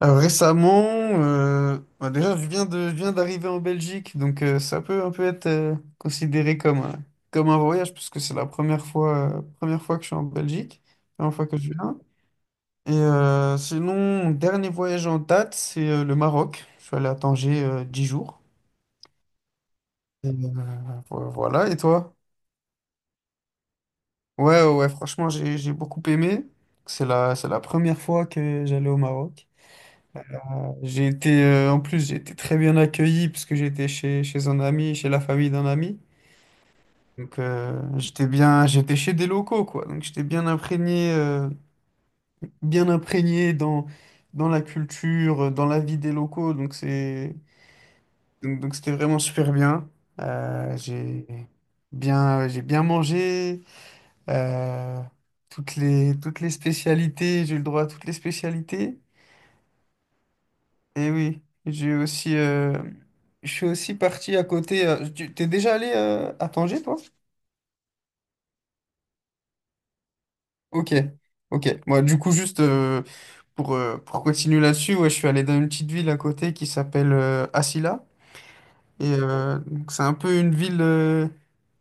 Alors récemment, euh, bah, déjà je viens de, je viens d'arriver en Belgique, donc euh, ça peut un peu être euh, considéré comme, un- comme un voyage, puisque c'est la première fois, euh, première fois que je suis en Belgique, première fois que je viens. Et euh, sinon, mon dernier voyage en date, c'est euh, le Maroc. Je suis allé à Tanger euh, 10 jours. Et, euh, vo- voilà, et toi? Ouais, ouais, ouais, franchement, j'ai, j'ai beaucoup aimé. C'est la, c'est la première fois que j'allais au Maroc. J'ai été, euh, en plus, j'ai été très bien accueilli parce que j'étais chez, chez un ami, chez la famille d'un ami. Donc, euh, j'étais bien, j'étais chez des locaux, quoi. Donc, j'étais bien imprégné, euh, bien imprégné dans, dans la culture, euh, dans la vie des locaux. Donc, c'est, donc, donc, c'était vraiment super bien. Euh, j'ai bien, j'ai bien mangé. euh, toutes les, toutes les spécialités, j'ai eu le droit à toutes les spécialités. Et oui, j'ai aussi, euh, je suis aussi parti à côté. euh, tu t'es déjà allé euh, à Tanger, toi? Ok, ok. Moi, du coup, juste euh, pour, euh, pour continuer là-dessus, ouais, je suis allé dans une petite ville à côté qui s'appelle euh, Asila. Et euh, donc, c'est un peu une ville, euh,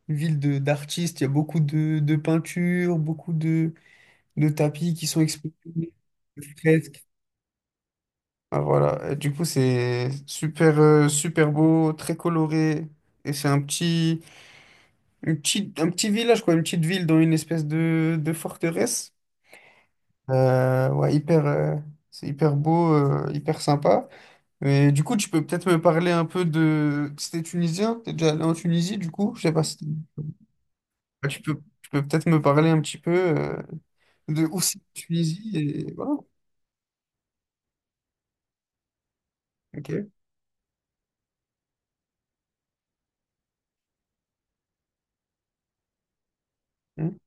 une ville de d'artistes. Il y a beaucoup de, de peintures, beaucoup de, de tapis qui sont exposés, de fresques. Ah, voilà. Et du coup, c'est super, euh, super beau, très coloré. Et c'est un petit. Une petite, un petit village, quoi, une petite ville dans une espèce de, de forteresse. Euh, ouais, hyper, euh, c'est hyper beau, euh, hyper sympa. Mais du coup, tu peux peut-être me parler un peu de... C'était tunisien? T'es déjà allé en Tunisie, du coup? Je sais pas si... Ouais, Tu peux, tu peux peut-être me parler un petit peu euh, de où c'est la Tunisie et... Voilà. Ok. Mhm.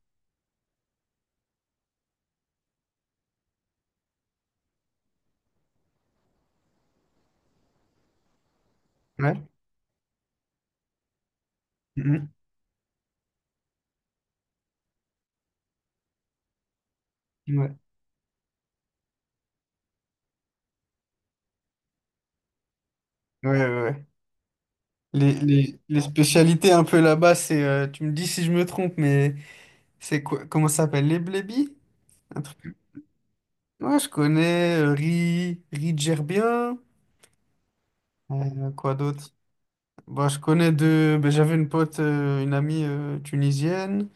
Ouais. Mhm. Ouais. Ouais, ouais, ouais. Les, les, les spécialités un peu là-bas, c'est... euh, tu me dis si je me trompe, mais c'est quoi? Comment ça s'appelle? Les blébis? Un truc Moi, je connais euh, Ri, Ri Djerbia. Euh, quoi d'autre? Bah, je connais deux ben, j'avais une pote, euh, une amie euh, tunisienne.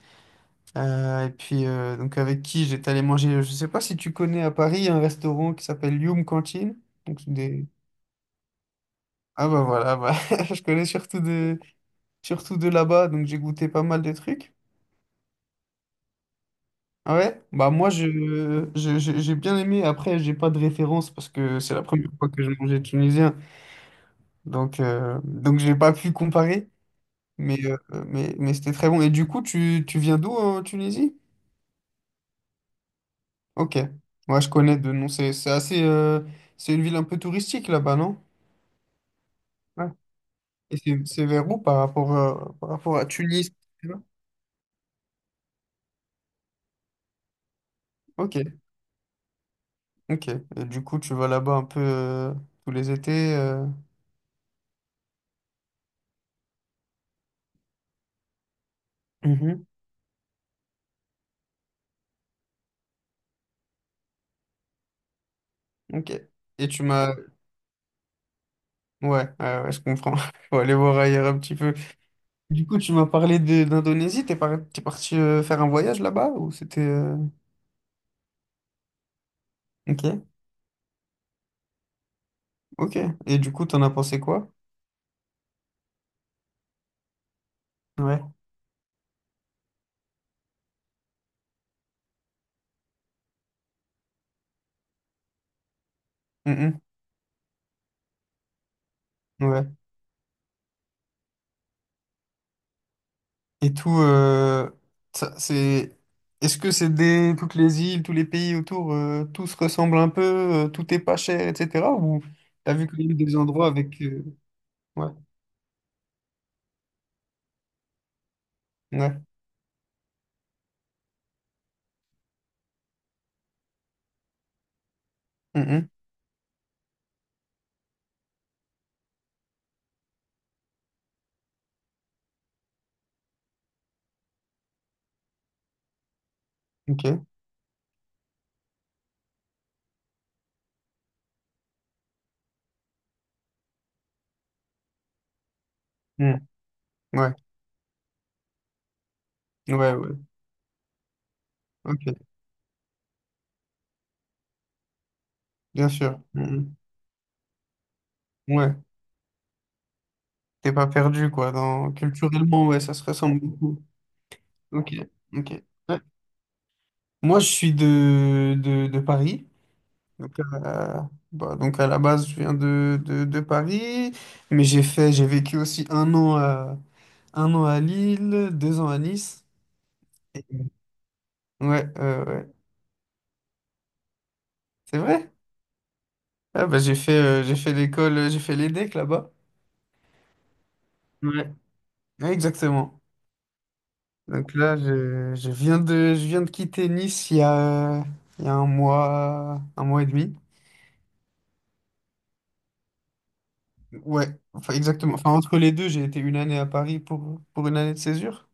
Euh, et puis, euh, donc avec qui j'étais allé manger. euh, Je sais pas si tu connais à Paris un restaurant qui s'appelle Youm Cantine. Donc, c'est des... Ah, bah voilà, bah, je connais surtout de, surtout de là-bas. Donc, j'ai goûté pas mal de trucs. Ah Ouais, bah moi je, je- je- j'ai bien aimé. Après, j'ai pas de référence parce que c'est la première fois que je mangeais tunisien. Donc, euh, donc j'ai pas pu comparer, mais, euh, mais, mais c'était très bon. Et du coup, tu, tu viens d'où en Tunisie? Ok. Moi, je connais de nom. C'est c'est assez. euh, c'est une ville un peu touristique là-bas, non? Ouais. Et c'est c'est vers où par rapport, à- par rapport à Tunis? tu vois Ok, ok. Et du coup, tu vas là-bas un peu euh, tous les étés. euh. Mhm. Ok. Et tu m'as. Ouais, ouais, ouais, je comprends. Faut aller voir ailleurs un petit peu. Du coup, tu m'as parlé de- d'Indonésie. T'es par... t'es parti euh, faire un voyage là-bas ou c'était. euh, Ok, ok. Et du coup, t'en as pensé quoi? Ouais. Mm, mm, ouais. Et tout, euh, ça, c'est. Est-ce que c'est des toutes les îles, tous les pays autour, euh, tout se ressemble un peu, euh, tout est pas cher, etc. Ou t'as vu quand même des endroits avec. euh, Ouais, ouais. Mm, mm, ok. Mm, ouais, ouais, ouais. Ok, bien sûr. Mm, mm. Ouais. T'es pas perdu, quoi. Dans... Culturellement, ouais, ça se ressemble beaucoup. Ok, ok. Ouais. Moi, je suis de, de, de Paris. Donc, euh, bah, donc à la base, je viens de, de, de Paris, mais j'ai fait, j'ai vécu aussi un an à, un an à Lille, deux ans à Nice. Ouais, euh, ouais. C'est vrai? Ah, bah, j'ai fait, euh, j'ai fait l'école, euh, j'ai fait l'EDEC là-bas. Ouais. Ouais, exactement. Donc là, je, je viens de, je viens de quitter Nice il y a, euh, il y a un mois, un mois et demi. Ouais, enfin exactement. Enfin, entre les deux, j'ai été une année à Paris pour, pour une année de césure.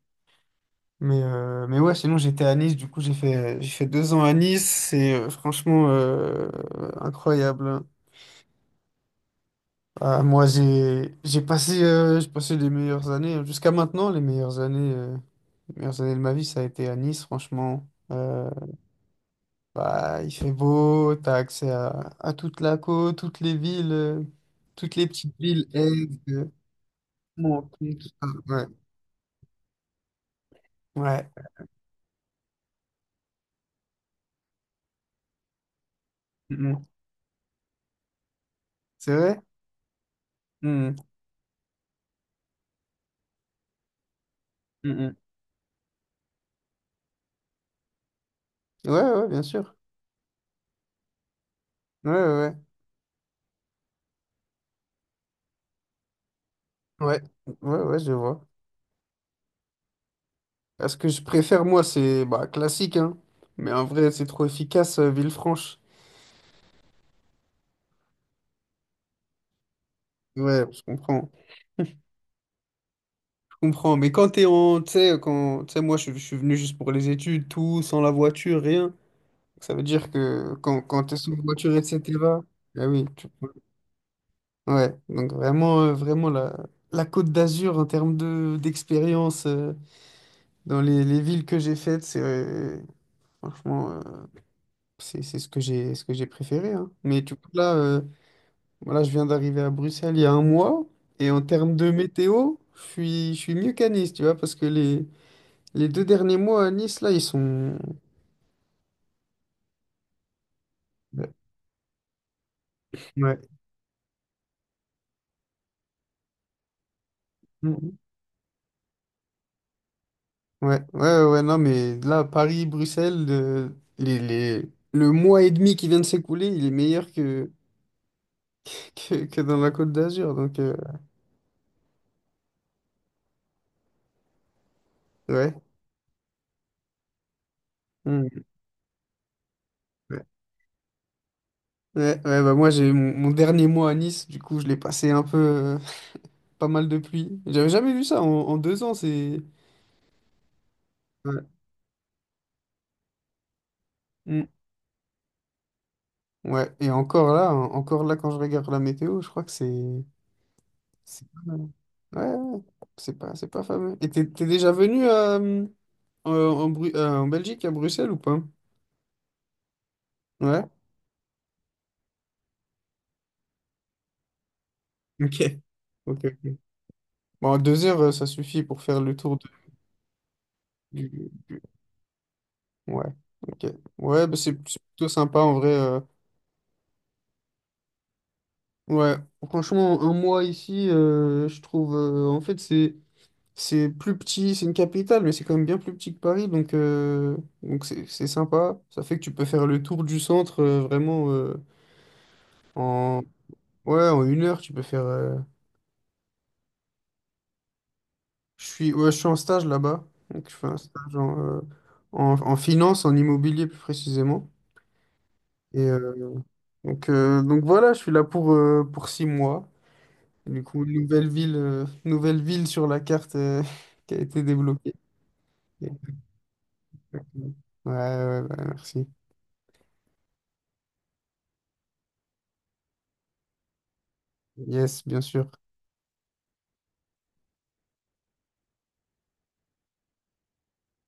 Mais, euh, mais ouais, sinon j'étais à Nice, du coup j'ai fait, j'ai fait deux ans à Nice, c'est euh, franchement euh, incroyable. Ah, moi j'ai j'ai passé, euh, j'ai passé les meilleures années, hein. jusqu'à maintenant les meilleures années, euh, les meilleures années de ma vie, ça a été à Nice, franchement. Euh, bah, il fait beau, t'as accès à, à toute la côte, toutes les villes, euh, toutes les petites villes, Aigle, euh, Menton, tout Ouais, ouais. Mm, mm. C'est vrai? Mm, mm, mm. Ouais, ouais, bien sûr. Ouais, ouais. ouais. Ouais, ouais, ouais, je vois. Parce que je préfère, moi, c'est bah, classique, hein. Mais en vrai, c'est trop efficace, euh, Villefranche. Ouais, je comprends. Je comprends. Mais quand t'es en. Tu sais, quand. Tu sais, moi, je, je suis venu juste pour les études, tout, sans la voiture, rien. Ça veut dire que quand, quand t'es sans voiture, et etc. Ah oui, tu peux- Ouais, donc vraiment, euh, vraiment la, la Côte d'Azur en termes de, d'expérience euh, dans les, les villes que j'ai faites, c'est. euh, Franchement, euh, c'est c'est ce que j'ai ce que j'ai préféré. hein. Mais tu vois, là, euh, Voilà, je viens d'arriver à Bruxelles il y a un mois et en termes de Ok. météo, je suis, je suis mieux qu'à Nice, tu vois, parce que les, les deux derniers mois à Nice, là, ils sont... Ouais. Ouais, Mhm. ouais, ouais, ouais, non, mais là, Paris, Bruxelles, le, les, les- le mois et demi qui vient de s'écouler, il est meilleur que, que, que dans la Côte d'Azur, donc euh, ouais. Mhm. Ouais, ouais, ouais, bah moi, j'ai mon, mon dernier mois à Nice, du coup, je l'ai passé un peu... euh, pas mal de pluie. J'avais jamais vu ça en, en deux ans, c'est... Ouais. Ouais, et encore là, en- encore là, quand je regarde la météo, je crois que c'est. c'est pas mal. Ouais, ouais, ouais. c'est pas, c'est pas fameux. Et t'es t'es déjà venu à, euh, en, en Bru- euh, en Belgique, à Bruxelles ou pas? Ouais? Ok. Ok, ok. Bon, en deux heures, euh, ça suffit pour faire le tour de- du. Ouais, ok. Ouais, bah, c'est c'est plutôt sympa en vrai. euh. Ouais, franchement, un mois ici, euh, je trouve. euh, en fait, c'est. C'est plus petit, c'est une capitale, mais c'est quand même bien plus petit que Paris, donc euh, donc c'est c'est sympa. Ça fait que tu peux faire le tour du centre euh, vraiment euh, en ouais en une heure. Tu peux faire. euh, Je suis ouais, je suis en stage là-bas, donc je fais un stage en, euh, en, en finance, en immobilier plus précisément. Et euh, donc euh, donc voilà, je suis là pour euh, pour six mois. Du coup, nouvelle ville, euh, nouvelle ville sur la carte euh, qui a été débloquée. Et- ouais, ouais, ouais, merci. Yes, bien sûr.